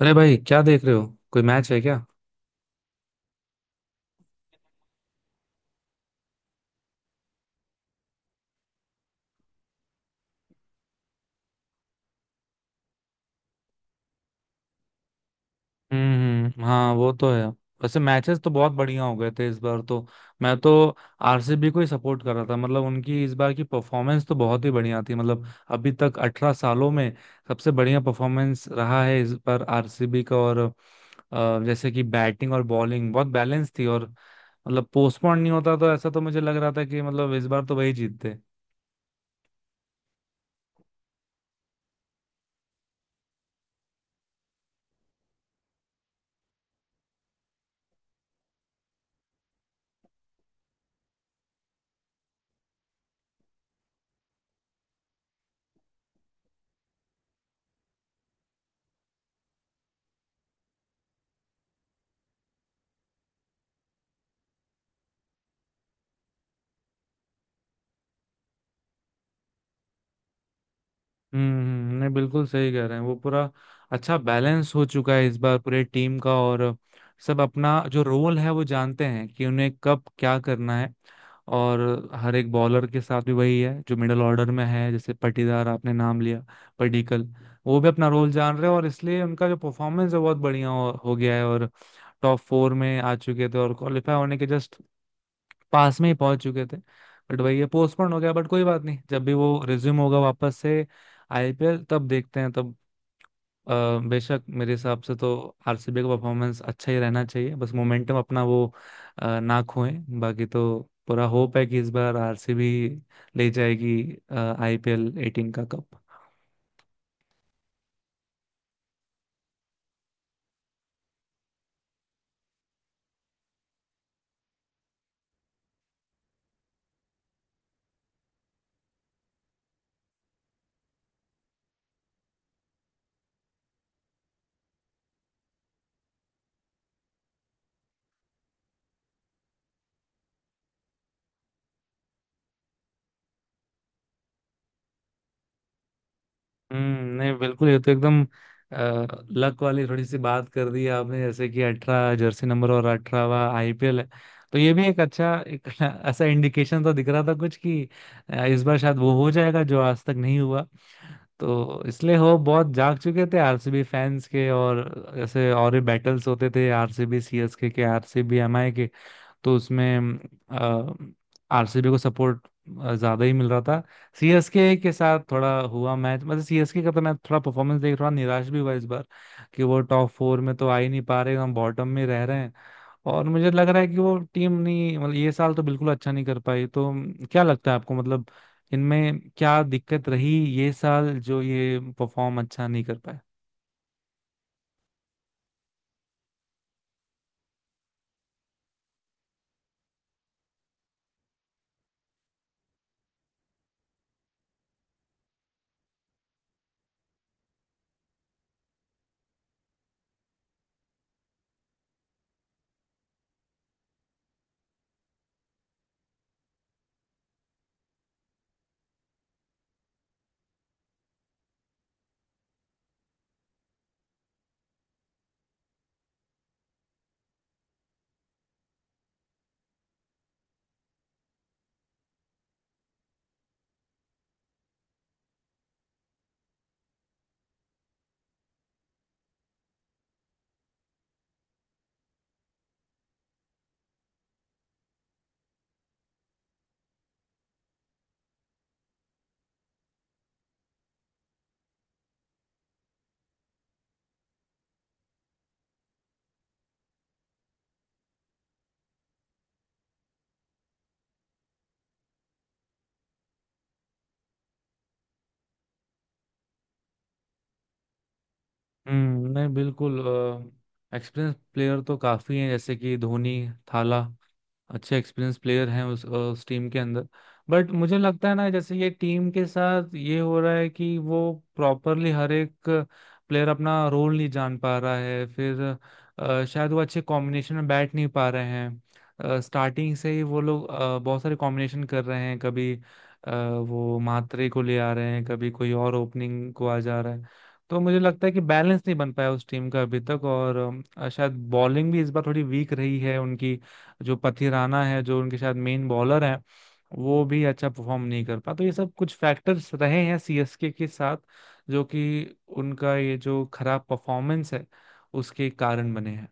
अरे भाई, क्या देख रहे हो? कोई मैच है क्या? हम्म, हाँ वो तो है। वैसे मैचेस तो बहुत बढ़िया हो गए थे इस बार तो। मैं तो आरसीबी को ही सपोर्ट कर रहा था, मतलब उनकी इस बार की परफॉर्मेंस तो बहुत ही बढ़िया थी। मतलब अभी तक 18 सालों में सबसे बढ़िया परफॉर्मेंस रहा है इस बार आरसीबी का। और जैसे कि बैटिंग और बॉलिंग बहुत बैलेंस थी। और मतलब पोस्टपोन नहीं होता तो ऐसा तो मुझे लग रहा था कि मतलब इस बार तो वही जीतते। हम्म, हम्म। नहीं, बिल्कुल सही कह रहे हैं। वो पूरा अच्छा बैलेंस हो चुका है इस बार पूरे टीम का। और सब अपना जो रोल है वो जानते हैं कि उन्हें कब क्या करना है। और हर एक बॉलर के साथ भी वही है जो मिडिल ऑर्डर में है, जैसे पटीदार आपने नाम लिया, पडिक्कल, वो भी अपना रोल जान रहे हैं। और इसलिए उनका जो परफॉर्मेंस है बहुत बढ़िया हो गया है। और टॉप फोर में आ चुके थे और क्वालिफाई होने के जस्ट पास में ही पहुंच चुके थे। बट वही है, पोस्टपोन हो गया। बट कोई बात नहीं, जब भी वो रिज्यूम होगा वापस से आईपीएल, तब देखते हैं तब। अ, बेशक मेरे हिसाब से तो आरसीबी का परफॉर्मेंस अच्छा ही रहना चाहिए। बस मोमेंटम अपना वो ना खोएं। बाकी तो पूरा होप है कि इस बार आरसीबी ले जाएगी आईपीएल एटीन का कप। हम्म, नहीं, बिल्कुल। ये तो एकदम लक वाली थोड़ी सी बात कर दी आपने, जैसे कि 18 जर्सी नंबर और 18वां आईपीएल है। तो ये भी एक अच्छा एक ऐसा इंडिकेशन तो दिख रहा था कुछ कि इस बार शायद वो हो जाएगा जो आज तक नहीं हुआ। तो इसलिए हो बहुत जाग चुके थे आरसीबी फैंस के। और ऐसे और भी बैटल्स होते थे, आरसीबी सीएसके के, आरसीबी एमआई के। तो उसमें आरसीबी को सपोर्ट ज्यादा ही मिल रहा था। सीएसके के साथ थोड़ा हुआ मैच, मतलब सीएसके का तो मैं थोड़ा परफॉर्मेंस देख थोड़ा निराश भी हुआ इस बार, कि वो टॉप फोर में तो आ ही नहीं पा रहे, हम बॉटम में रह रहे हैं। और मुझे लग रहा है कि वो टीम नहीं, मतलब ये साल तो बिल्कुल अच्छा नहीं कर पाई। तो क्या लगता है आपको, मतलब इनमें क्या दिक्कत रही, ये साल जो ये परफॉर्म अच्छा नहीं कर पाए? हम्म, नहीं, बिल्कुल। एक्सपीरियंस प्लेयर तो काफी हैं, जैसे कि धोनी, थाला, अच्छे एक्सपीरियंस प्लेयर हैं उस टीम के अंदर। बट मुझे लगता है ना, जैसे ये टीम के साथ ये हो रहा है कि वो प्रॉपरली हर एक प्लेयर अपना रोल नहीं जान पा रहा है। फिर शायद वो अच्छे कॉम्बिनेशन में बैठ नहीं पा रहे हैं, स्टार्टिंग से ही वो लोग बहुत सारे कॉम्बिनेशन कर रहे हैं। कभी अ, वो मात्रे को ले आ रहे हैं, कभी कोई और ओपनिंग को आ जा रहा है। तो मुझे लगता है कि बैलेंस नहीं बन पाया उस टीम का अभी तक। और शायद बॉलिंग भी इस बार थोड़ी वीक रही है उनकी। जो पथिराना है, जो उनके शायद मेन बॉलर हैं, वो भी अच्छा परफॉर्म नहीं कर पा। तो ये सब कुछ फैक्टर्स रहे हैं सीएसके के साथ, जो कि उनका ये जो खराब परफॉर्मेंस है उसके कारण बने हैं।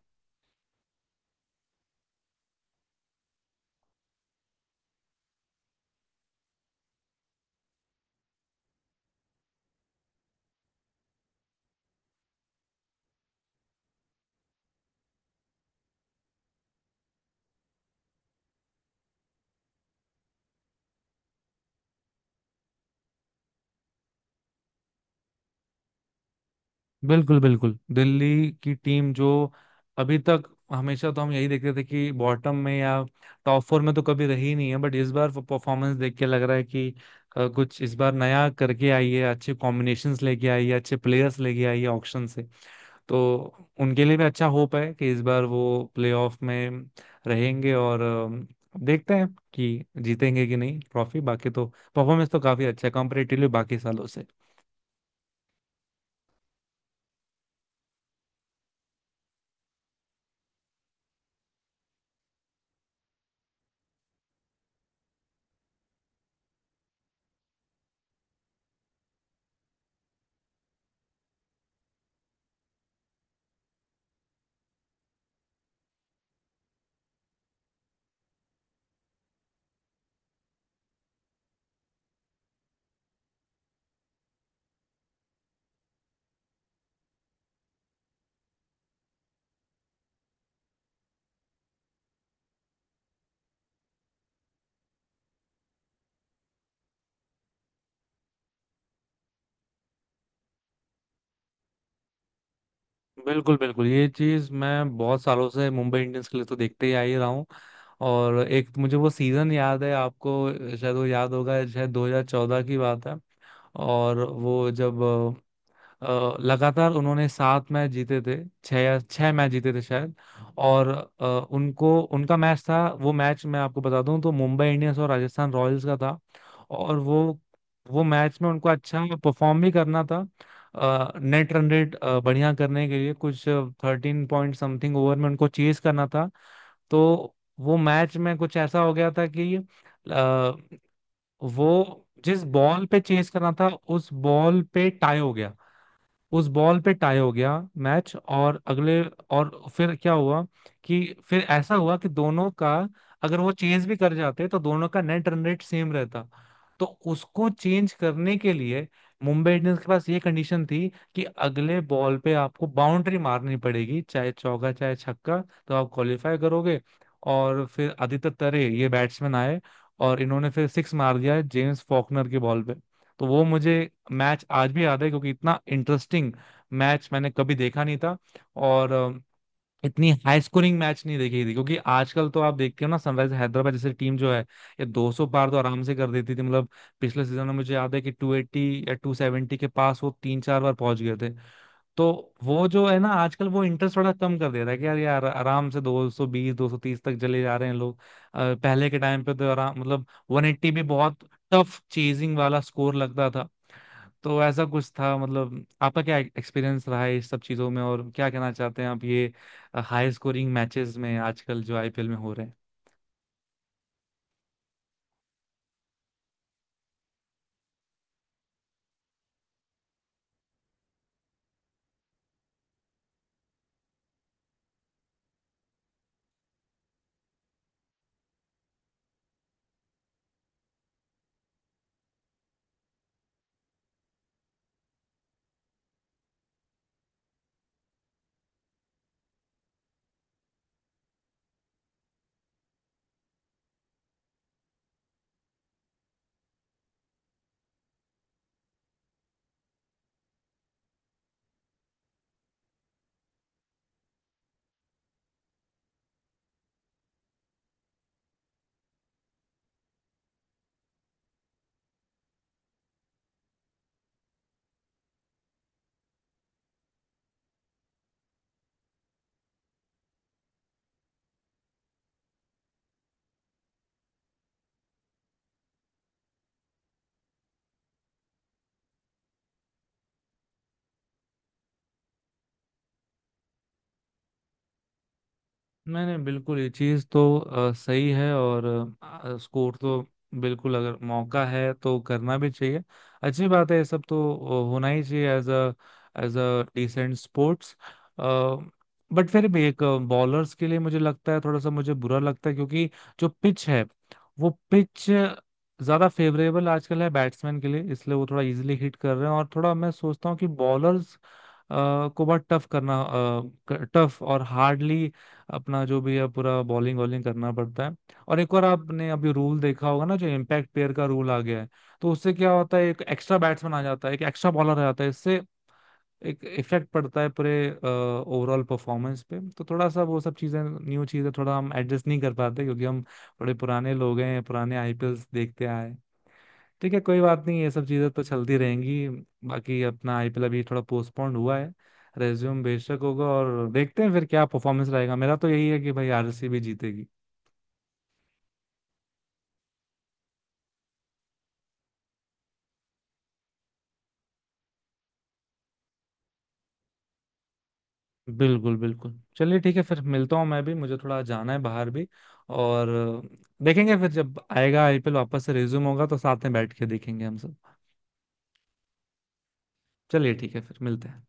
बिल्कुल, बिल्कुल। दिल्ली की टीम जो अभी तक, हमेशा तो हम यही देखते थे कि बॉटम में, या टॉप फोर में तो कभी रही नहीं है। बट इस बार परफॉर्मेंस देख के लग रहा है कि कुछ इस बार नया करके आई है, अच्छे कॉम्बिनेशंस लेके आई है, अच्छे प्लेयर्स लेके आई है ऑक्शन से। तो उनके लिए भी अच्छा होप है कि इस बार वो प्लेऑफ में रहेंगे। और देखते हैं कि जीतेंगे कि नहीं ट्रॉफी। बाकी तो परफॉर्मेंस तो काफी अच्छा है कंपेरेटिवली बाकी सालों से। बिल्कुल, बिल्कुल। ये चीज मैं बहुत सालों से मुंबई इंडियंस के लिए तो देखते ही आ ही रहा हूँ। और एक मुझे वो सीजन याद है, आपको शायद वो याद होगा, शायद 2014 की बात है। और वो जब लगातार उन्होंने 7 मैच जीते थे, 6 या 6 मैच जीते थे शायद। और उनको उनका मैच था, वो मैच मैं आपको बता दूं, तो मुंबई इंडियंस और राजस्थान रॉयल्स का था। और वो मैच में उनको अच्छा परफॉर्म भी करना था, नेट रन रेट बढ़िया करने के लिए, कुछ थर्टीन पॉइंट समथिंग ओवर में उनको चेज करना था। तो वो मैच में कुछ ऐसा हो गया था कि वो जिस बॉल पे चेज करना था, उस बॉल पे टाई हो गया, उस बॉल पे टाई हो गया मैच। और अगले, और फिर क्या हुआ कि, फिर ऐसा हुआ कि दोनों का, अगर वो चेंज भी कर जाते तो दोनों का नेट रन रेट सेम रहता। तो उसको चेंज करने के लिए मुंबई इंडियंस के पास ये कंडीशन थी कि अगले बॉल पे आपको बाउंड्री मारनी पड़ेगी, चाहे चौका चाहे छक्का, तो आप क्वालिफाई करोगे। और फिर आदित्य तरे ये बैट्समैन आए और इन्होंने फिर सिक्स मार दिया जेम्स फॉकनर के बॉल पे। तो वो मुझे मैच आज भी याद है, क्योंकि इतना इंटरेस्टिंग मैच मैंने कभी देखा नहीं था। और इतनी हाई स्कोरिंग मैच नहीं देखी थी, क्योंकि आजकल तो आप देखते हो ना, सनराइज हैदराबाद जैसे टीम जो है, ये 200 पार तो आराम से कर देती थी। मतलब पिछले सीजन में मुझे याद है कि 280 या 270 के पास वो तीन चार बार पहुंच गए थे। तो वो जो है ना, आजकल वो इंटरेस्ट थोड़ा कम कर दे रहा है कि यार यार आराम से 220 230 तक चले जा रहे हैं लोग। पहले के टाइम पे तो आराम, मतलब 180 भी बहुत टफ चेजिंग वाला स्कोर लगता था। तो ऐसा कुछ था, मतलब आपका क्या एक्सपीरियंस रहा है इस सब चीज़ों में, और क्या कहना चाहते हैं आप ये हाई स्कोरिंग मैचेस में आजकल जो आईपीएल में हो रहे हैं? नहीं, नहीं, बिल्कुल। ये चीज़ तो सही है। और स्कोर तो बिल्कुल, अगर मौका है तो करना भी चाहिए, अच्छी बात है। ये सब तो होना ही चाहिए, as a, as a decent sports. But फिर भी एक बॉलर्स के लिए मुझे लगता है थोड़ा सा मुझे बुरा लगता है, क्योंकि जो पिच है वो पिच ज़्यादा फेवरेबल आजकल है बैट्समैन के लिए, इसलिए वो थोड़ा इजीली हिट कर रहे हैं। और थोड़ा मैं सोचता हूँ कि बॉलर्स को बहुत टफ करना, टफ और हार्डली अपना जो भी है पूरा बॉलिंग वॉलिंग करना पड़ता है। और एक और आपने अभी रूल देखा होगा ना, जो इम्पैक्ट प्लेयर का रूल आ गया है। तो उससे क्या होता है, एक एक्स्ट्रा बैट्समैन आ जाता है, एक एक्स्ट्रा बॉलर आ जाता है, इससे एक इफेक्ट पड़ता है पूरे ओवरऑल परफॉर्मेंस पे। तो थोड़ा सा वो सब चीजें, न्यू चीजें थोड़ा हम एडजस्ट नहीं कर पाते, क्योंकि हम थोड़े पुराने लोग हैं, पुराने आईपीएल देखते आए। ठीक है, कोई बात नहीं, ये सब चीज़ें तो चलती रहेंगी। बाकी अपना आईपीएल अभी थोड़ा पोस्टपोन्ड हुआ है, रेज्यूम बेशक होगा, और देखते हैं फिर क्या परफॉर्मेंस रहेगा। मेरा तो यही है कि भाई आरसीबी जीतेगी। बिल्कुल, बिल्कुल। चलिए ठीक है, फिर मिलता हूँ, मैं भी मुझे थोड़ा जाना है बाहर भी। और देखेंगे फिर, जब आएगा आईपीएल वापस से, रेज्यूम होगा तो साथ में बैठ के देखेंगे हम सब। चलिए ठीक है, फिर मिलते हैं।